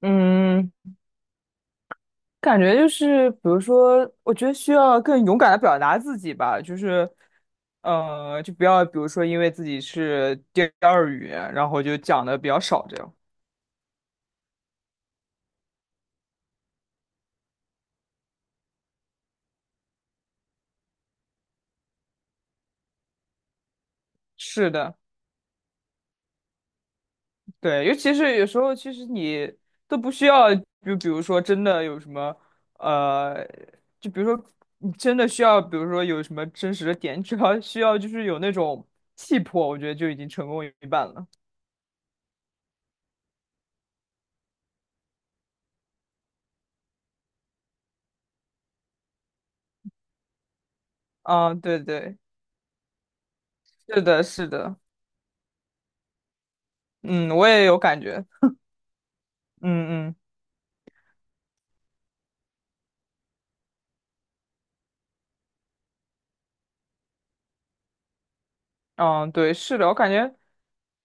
嗯，感觉就是，比如说，我觉得需要更勇敢的表达自己吧，就是，就不要，比如说，因为自己是第二语言，然后就讲的比较少这样。是的，对，尤其是有时候，其实你都不需要，就比如说，真的有什么，呃，就比如说，你真的需要，比如说有什么真实的点，只要需要就是有那种气魄，我觉得就已经成功一半了。啊，对对，是的，是的。嗯，我也有感觉，嗯嗯嗯，对，是的，我感觉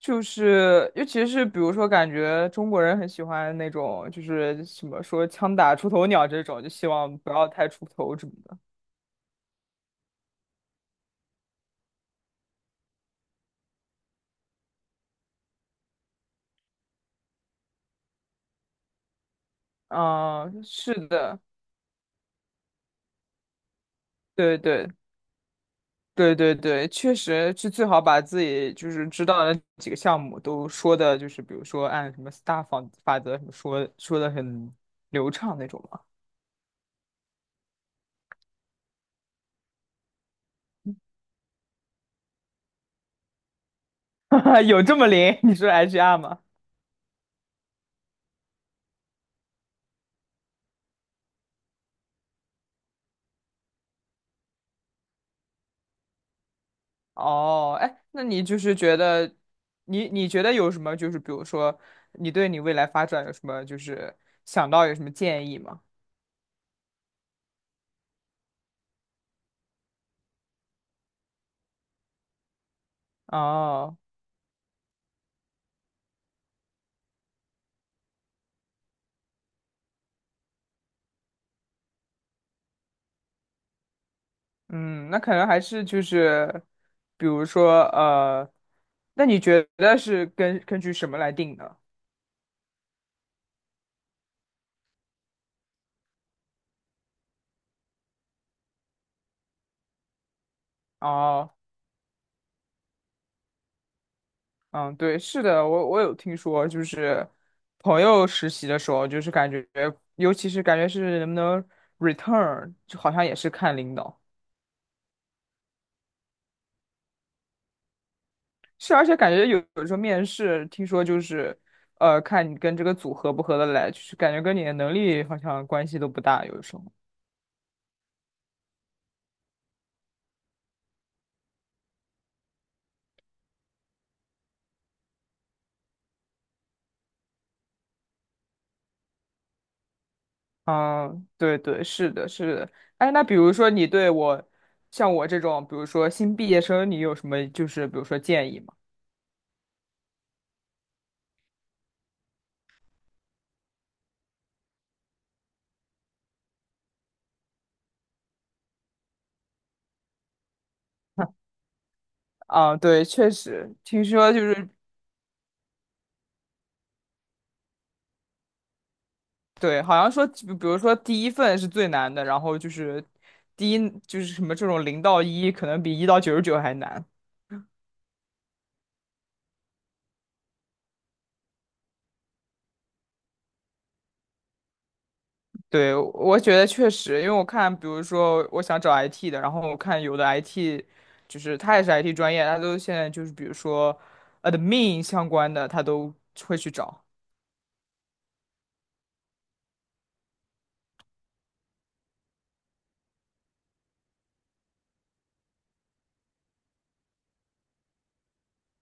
就是，尤其是比如说，感觉中国人很喜欢那种，就是什么说“枪打出头鸟”这种，就希望不要太出头什么的。嗯，是的，对对对对对，确实是最好把自己就是知道的几个项目都说的，就是比如说按什么 STAR 法则什么说说的很流畅那种嘛。有这么灵？你说 HR 吗？哦，哎，那你就是觉得，你觉得有什么？就是比如说，你对你未来发展有什么？就是想到有什么建议吗？哦，嗯，那可能还是就是，比如说，那你觉得是根据什么来定的？哦，嗯，对，是的，我有听说，就是朋友实习的时候，就是感觉，尤其是感觉是能不能 return,就好像也是看领导。是，而且感觉有时候面试，听说就是，看你跟这个组合不合得来，就是感觉跟你的能力好像关系都不大，有时候。嗯，对对，是的，是的。哎，那比如说你对我，像我这种，比如说新毕业生，你有什么就是比如说建议吗？啊，对，确实，听说就是对，好像说，比如说第一份是最难的，然后就是第一就是什么这种零到一，可能比一到99还难。对，我觉得确实，因为我看，比如说我想找 IT 的，然后我看有的 IT,就是他也是 IT 专业，他都现在就是比如说 admin 相关的，他都会去找。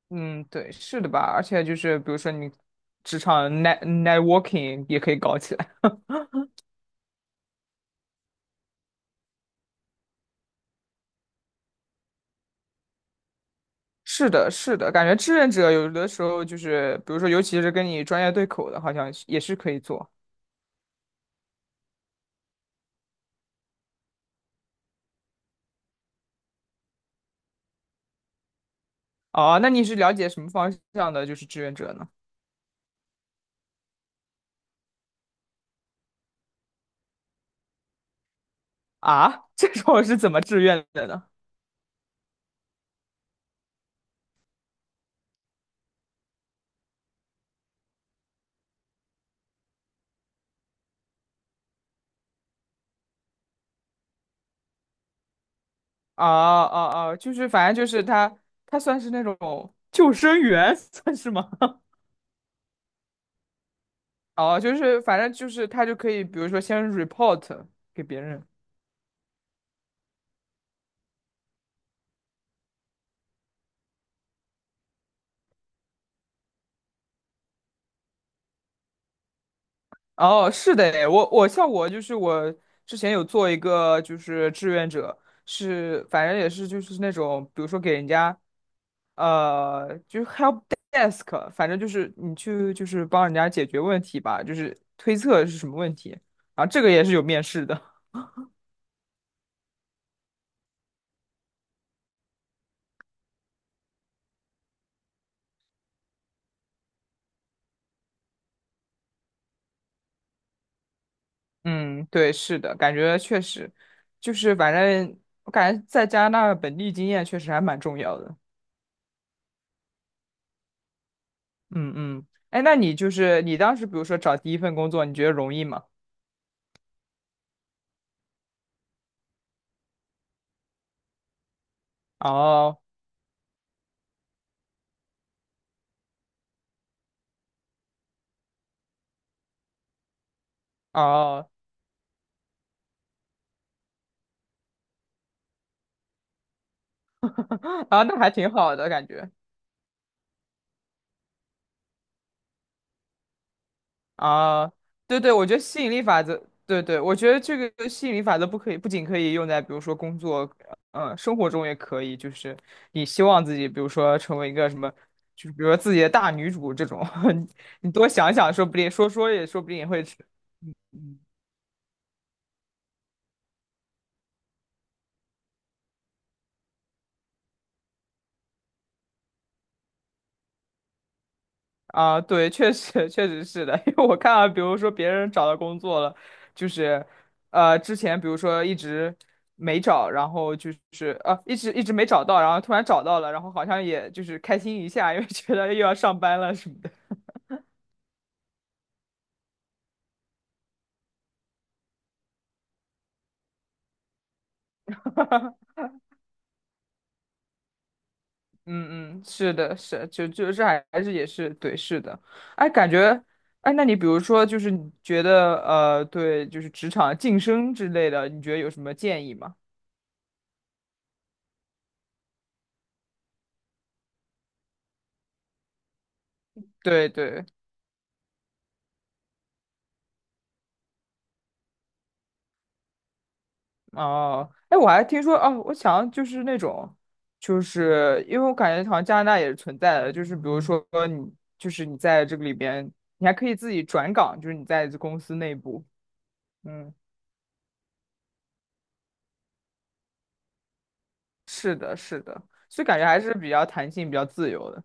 嗯，对，是的吧？而且就是比如说你职场 networking 也可以搞起来。是的，是的，感觉志愿者有的时候就是，比如说尤其是跟你专业对口的，好像也是可以做。哦，那你是了解什么方向的，就是志愿者呢？啊，这种是怎么志愿的呢？哦哦哦，就是反正就是他，他算是那种救生员，算是吗？哦，就是反正就是他就可以，比如说先 report 给别人。哦，是的诶，我像我就是我之前有做一个就是志愿者，是反正也是就是那种，比如说给人家就是 help desk,反正就是你去就是帮人家解决问题吧，就是推测是什么问题，然后这个也是有面试的。嗯，对，是的，感觉确实，就是反正我感觉在加拿大本地经验确实还蛮重要的。嗯嗯，哎，那你就是你当时比如说找第一份工作，你觉得容易吗？哦哦 啊，那还挺好的感觉。啊，对对，我觉得吸引力法则，对对，我觉得这个吸引力法则不可以，不仅可以用在比如说工作，嗯，生活中也可以，就是你希望自己，比如说成为一个什么，就是比如说自己的大女主这种，你多想想，说不定说说也说不定也会成，嗯嗯啊，对，确实确实是的，因为我看到，比如说别人找到工作了，就是，之前比如说一直没找，然后就是一直一直没找到，然后突然找到了，然后好像也就是开心一下，因为觉得又要上班了什么的。嗯嗯，是的，是，就是还是也是对，是的。哎，感觉，哎，那你比如说，就是你觉得对，就是职场晋升之类的，你觉得有什么建议吗？对对。哦，哎，我还听说哦，我想就是那种，就是因为我感觉好像加拿大也是存在的，就是比如说你，就是你在这个里边，你还可以自己转岗，就是你在公司内部，嗯，是的，是的，所以感觉还是比较弹性、比较自由的。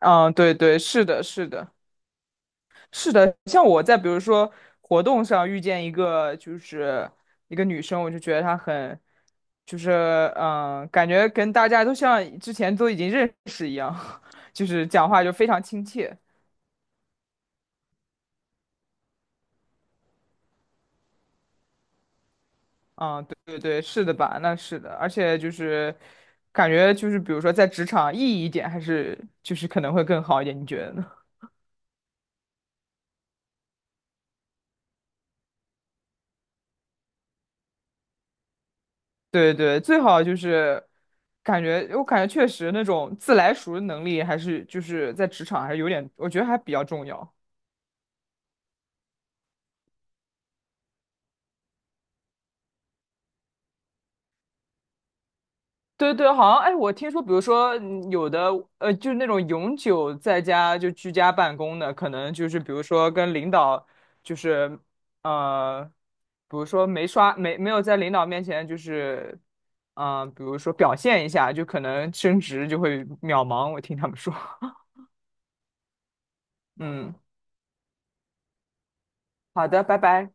嗯，对对，是的，是的。是的，像我在比如说活动上遇见一个就是一个女生，我就觉得她很，就是感觉跟大家都像之前都已经认识一样，就是讲话就非常亲切。嗯，对对对，是的吧？那是的，而且就是感觉就是比如说在职场意义一点，还是就是可能会更好一点，你觉得呢？对对，最好就是感觉，我感觉确实那种自来熟的能力，还是就是在职场还是有点，我觉得还比较重要。对对，好像哎，我听说，比如说有的就是那种永久在家就居家办公的，可能就是比如说跟领导，就是呃，比如说没刷没没有在领导面前就是比如说表现一下，就可能升职就会渺茫。我听他们说，嗯，好的，拜拜。